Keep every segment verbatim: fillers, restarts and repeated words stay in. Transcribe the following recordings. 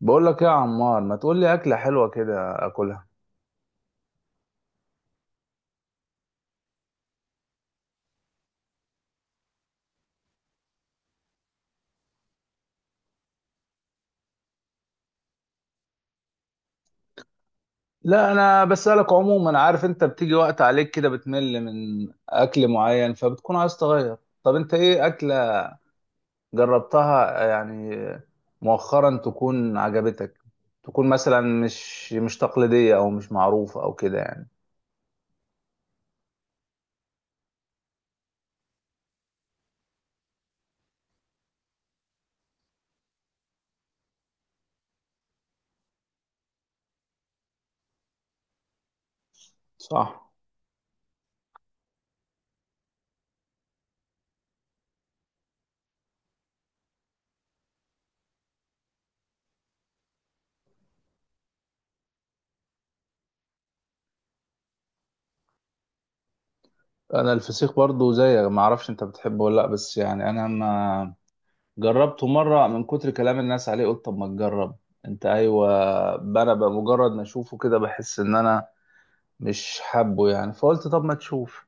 بقول لك إيه يا عمار، ما تقول لي اكله حلوه كده اكلها. لا انا بسالك عموما. عارف انت بتيجي وقت عليك كده بتمل من اكل معين فبتكون عايز تغير. طب انت ايه اكله جربتها يعني مؤخرا تكون عجبتك، تكون مثلا مش مش تقليديه او مش معروفه او كده يعني. صح. انا الفسيخ برضو زيك، ما اعرفش انت بتحبه ولا لا، بس يعني انا ما جربته مرة من كتر كلام الناس عليه، قلت طب ما تجرب. انت ايوه. انا بمجرد ما اشوفه كده بحس ان انا مش حابه يعني، فقلت طب ما تشوف.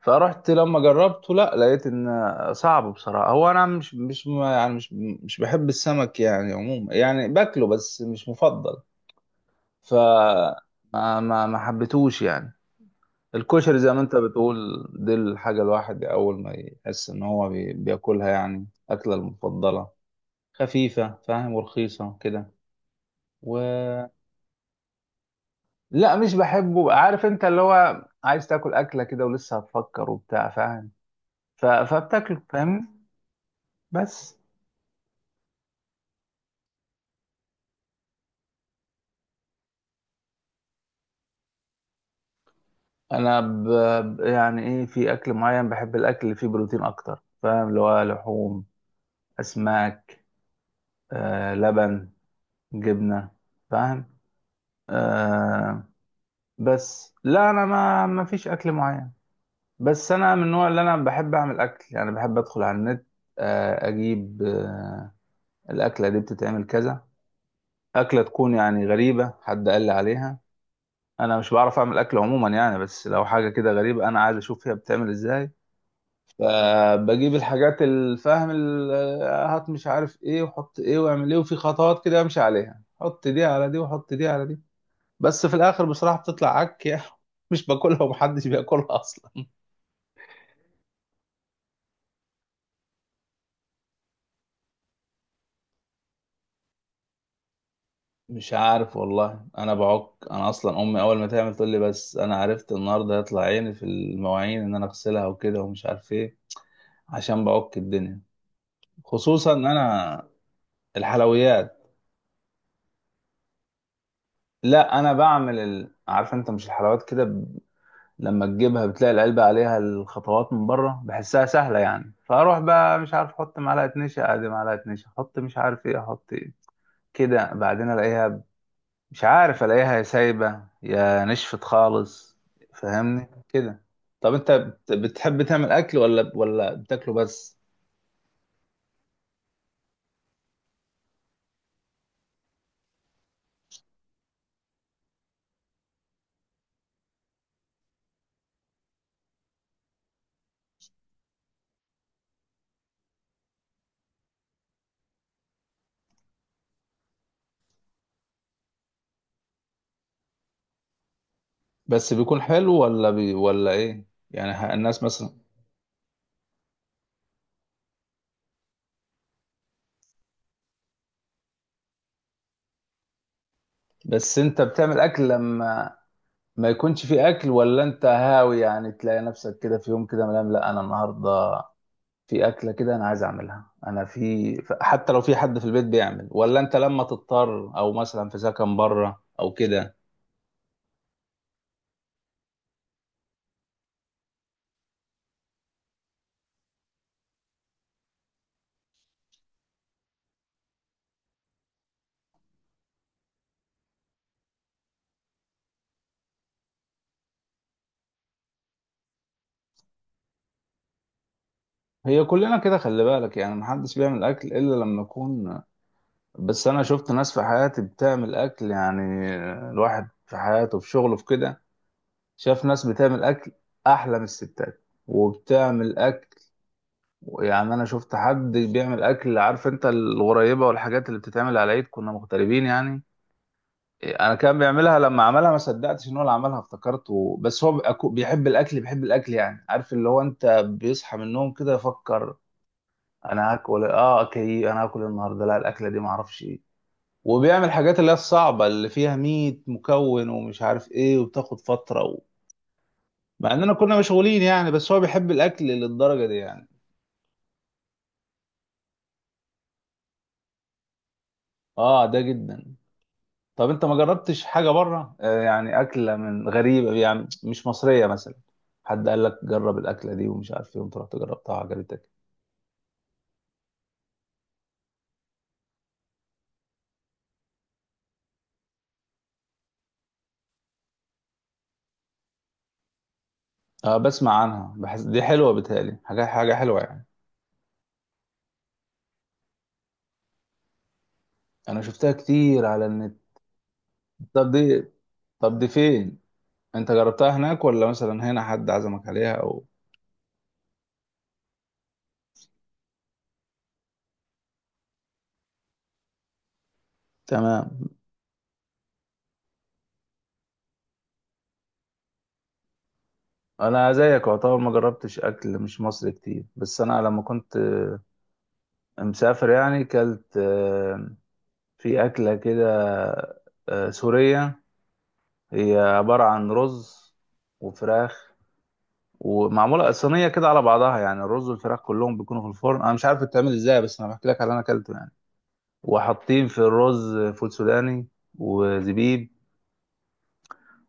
فرحت لما جربته، لا لقيت ان صعب بصراحة. هو انا مش مش ما- يعني مش مش بحب السمك يعني عموما، يعني باكله بس مش مفضل. ف ما ما ما حبيتهوش يعني. الكشري زي ما انت بتقول دي الحاجة الواحد اول ما يحس ان هو بي- بياكلها، يعني اكلة المفضلة، خفيفة فاهم ورخيصة كده و... لا مش بحبه. عارف انت اللي هو عايز تاكل أكلة كده ولسه هتفكر وبتاع فاهم، ف... فبتاكله فاهم بس. انا ب... ب- يعني ايه في اكل معين. بحب الاكل اللي فيه بروتين اكتر فاهم، اللي هو لحوم، اسماك، آه لبن، جبنة، فاهم، آه. بس لا انا ما ما فيش اكل معين. بس انا من النوع اللي انا بحب اعمل اكل. يعني بحب ادخل على النت، آه، اجيب آه، الأكلة دي بتتعمل كذا. أكلة تكون يعني غريبة حد قال لي عليها. أنا مش بعرف أعمل أكل عموما يعني، بس لو حاجة كده غريبة أنا عايز أشوف هي بتتعمل إزاي. فبجيب الحاجات الفاهم ال- هات مش عارف إيه وحط إيه وأعمل إيه، وفي خطوات كده أمشي عليها، حط دي على دي وحط دي على دي. بس في الآخر بصراحة بتطلع عك يعني. مش باكلها ومحدش بياكلها أصلا. مش عارف والله، انا بعك. انا اصلا امي اول ما تعمل تقول لي بس انا عرفت النهارده هيطلع عيني في المواعين ان انا اغسلها وكده ومش عارف ايه، عشان بعك الدنيا. خصوصا ان انا الحلويات. لا انا بعمل ال... عارف انت مش الحلويات كده ب... لما تجيبها بتلاقي العلبة عليها الخطوات من بره بحسها سهلة يعني، فاروح بقى مش عارف احط معلقة نشا ادي معلقة نشا احط مش عارف ايه احط ايه. كده بعدين الاقيها، مش عارف الاقيها يا سايبة يا نشفت خالص. فاهمني كده. طب انت بت- بتحب تعمل اكل ولا ولا بتاكله بس؟ بس بيكون حلو ولا بي... ولا ايه يعني ه- الناس مثلا؟ بس انت بتعمل اكل لما ما يكونش في اكل، ولا انت هاوي يعني تلاقي نفسك كده في يوم كده ملام لا انا النهارده في اكله كده انا عايز اعملها انا في ف- حتى لو في حد في البيت بيعمل، ولا انت لما تضطر او مثلا في سكن بره او كده؟ هي كلنا كده، خلي بالك يعني محدش بيعمل اكل الا لما يكون. بس انا شفت ناس في حياتي بتعمل اكل يعني، الواحد في حياته في شغله في كده شاف ناس بتعمل اكل احلى من الستات. وبتعمل اكل يعني، انا شفت حد بيعمل اكل. عارف انت الغريبه والحاجات اللي بتتعمل على العيد، كنا مغتربين يعني. انا كان بيعملها، لما عملها ما صدقتش ان هو اللي عملها، افتكرته بس هو بيأكو- بيحب الاكل بيحب الاكل يعني. عارف اللي هو انت بيصحى من النوم كده يفكر انا هاكل إيه؟ اه اوكي انا هاكل النهارده لا الاكله دي ما اعرفش ايه. وبيعمل حاجات اللي هي الصعبه اللي فيها مية مكون ومش عارف ايه وبتاخد فتره و... مع اننا كنا مشغولين يعني، بس هو بيحب الاكل للدرجه دي يعني. اه ده جدا. طب انت ما جربتش حاجه بره، آه، يعني اكله من غريبه يعني مش مصريه مثلا، حد قال لك جرب الاكله دي ومش عارف ايه وانت رحت جربتها عجبتك؟ اه بسمع عنها، بحس دي حلوه، بتهيألي حاجه حاجه حلوه يعني. انا شفتها كتير على النت. طب دي، طب دي فين؟ انت جربتها هناك ولا مثلا هنا حد عزمك عليها او؟ تمام. انا زيك يعتبر ما جربتش اكل مش مصري كتير، بس انا لما كنت مسافر يعني كلت، آه، في اكله كده آه، سوريه. هي عبارة عن رز وفراخ ومعمولة صينية كده على بعضها. يعني الرز والفراخ كلهم بيكونوا في الفرن، أنا مش عارف بتتعمل إزاي بس أنا بحكي لك على اللي أنا أكلته يعني. وحاطين في الرز فول سوداني وزبيب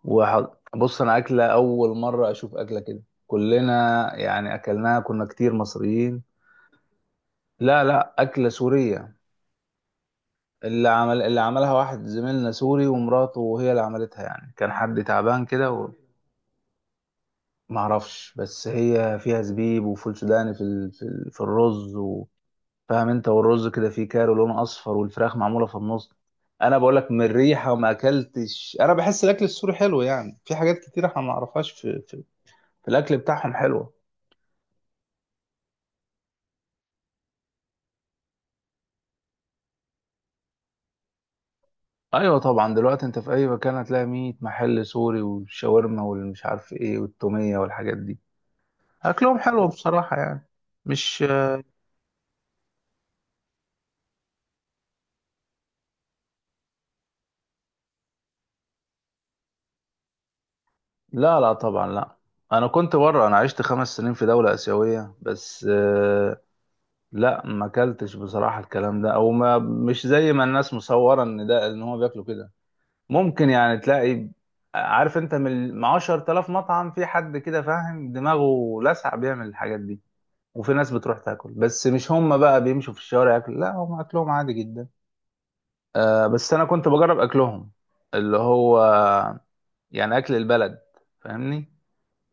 وحط... بص أنا أكلة أول مرة أشوف أكلة كده، كلنا يعني أكلناها، كنا كتير مصريين. لا لا أكلة سورية. اللي عمل اللي عملها واحد زميلنا سوري، ومراته وهي اللي عملتها يعني، كان حد تعبان كده. معرفش، بس هي فيها زبيب وفول سوداني في ال... في, ال... في الرز و... فاهم انت. والرز كده فيه كارو لونه اصفر، والفراخ معموله في النص. انا بقول لك من الريحه وما اكلتش، انا بحس الاكل السوري حلو يعني. في حاجات كتير احنا ما نعرفهاش في... في في الاكل بتاعهم حلوه. ايوه طبعا، دلوقتي انت في اي مكان هتلاقي مية محل سوري، والشاورما والمش عارف ايه والتوميه والحاجات دي. اكلهم حلو بصراحه يعني. مش لا لا طبعا لا. انا كنت بره، انا عشت خمس سنين في دوله اسيويه بس. لا ما اكلتش بصراحة الكلام ده. او ما مش زي ما الناس مصورة ان ده ان هو بياكلوا كده. ممكن يعني تلاقي، عارف انت، من عشرة آلاف مطعم في حد كده فاهم دماغه لسع بيعمل الحاجات دي، وفي ناس بتروح تاكل، بس مش هم بقى بيمشوا في الشوارع ياكلوا، لا هم اكلهم عادي جدا. آه بس انا كنت بجرب اكلهم اللي هو يعني اكل البلد، فاهمني.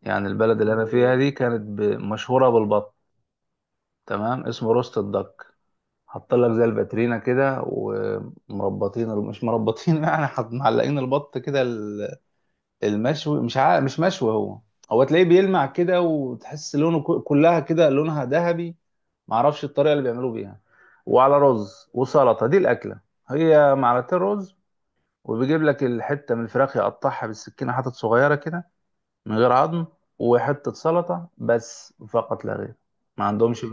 يعني البلد اللي انا فيها دي كانت ب- مشهورة بالبط. تمام. اسمه روست الدك. حاط لك زي الباترينا كده ومربطين مش مربطين يعني حط معلقين البط كده ال- المشوي، مش عارف مش مشوي هو. هو تلاقيه بيلمع كده، وتحس لونه ك- كلها كده لونها ذهبي. معرفش الطريقه اللي بيعملوا بيها. وعلى رز وسلطه، دي الاكله. هي معلقتين رز، وبيجيب لك الحته من الفراخ يقطعها بالسكينه حتت صغيره كده من غير عظم، وحته سلطه بس فقط لا غير. ما عندهمش.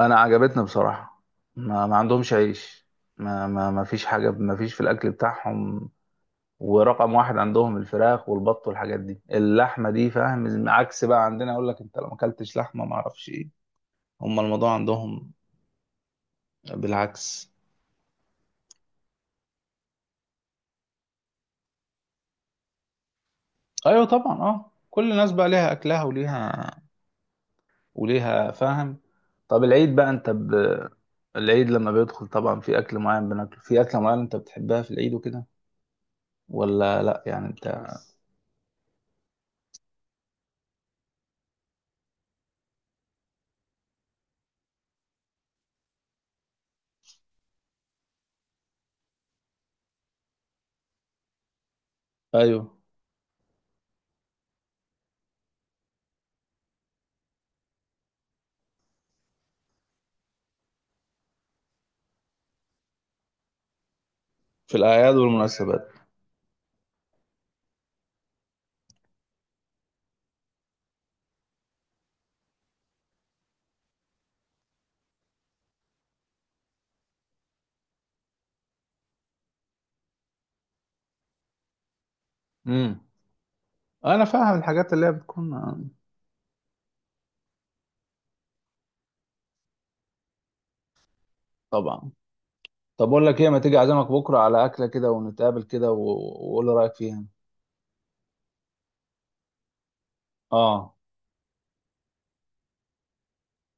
انا عجبتني بصراحه. ما, ما عندهمش عيش. ما, ما ما فيش حاجه، ما فيش في الاكل بتاعهم. ورقم واحد عندهم الفراخ والبط والحاجات دي، اللحمه دي فاهم، عكس بقى عندنا. اقول لك انت لو ما اكلتش لحمه ما اعرفش ايه. هم الموضوع عندهم بالعكس. ايوه طبعا، اه كل الناس بقى ليها اكلها وليها وليها فاهم. طب العيد بقى انت ب... العيد لما بيدخل طبعا في اكل معين بناكله، في اكله معينه انت بتحبها في العيد وكده ولا لا يعني انت؟ بص. ايوه في الأعياد والمناسبات. امم، أنا فاهم الحاجات اللي هي بتكون. طبعا. طب أقول لك إيه، ما تيجي أعزمك بكرة على أكلة كده ونتقابل كده و- وقول لي رأيك فيها. آه.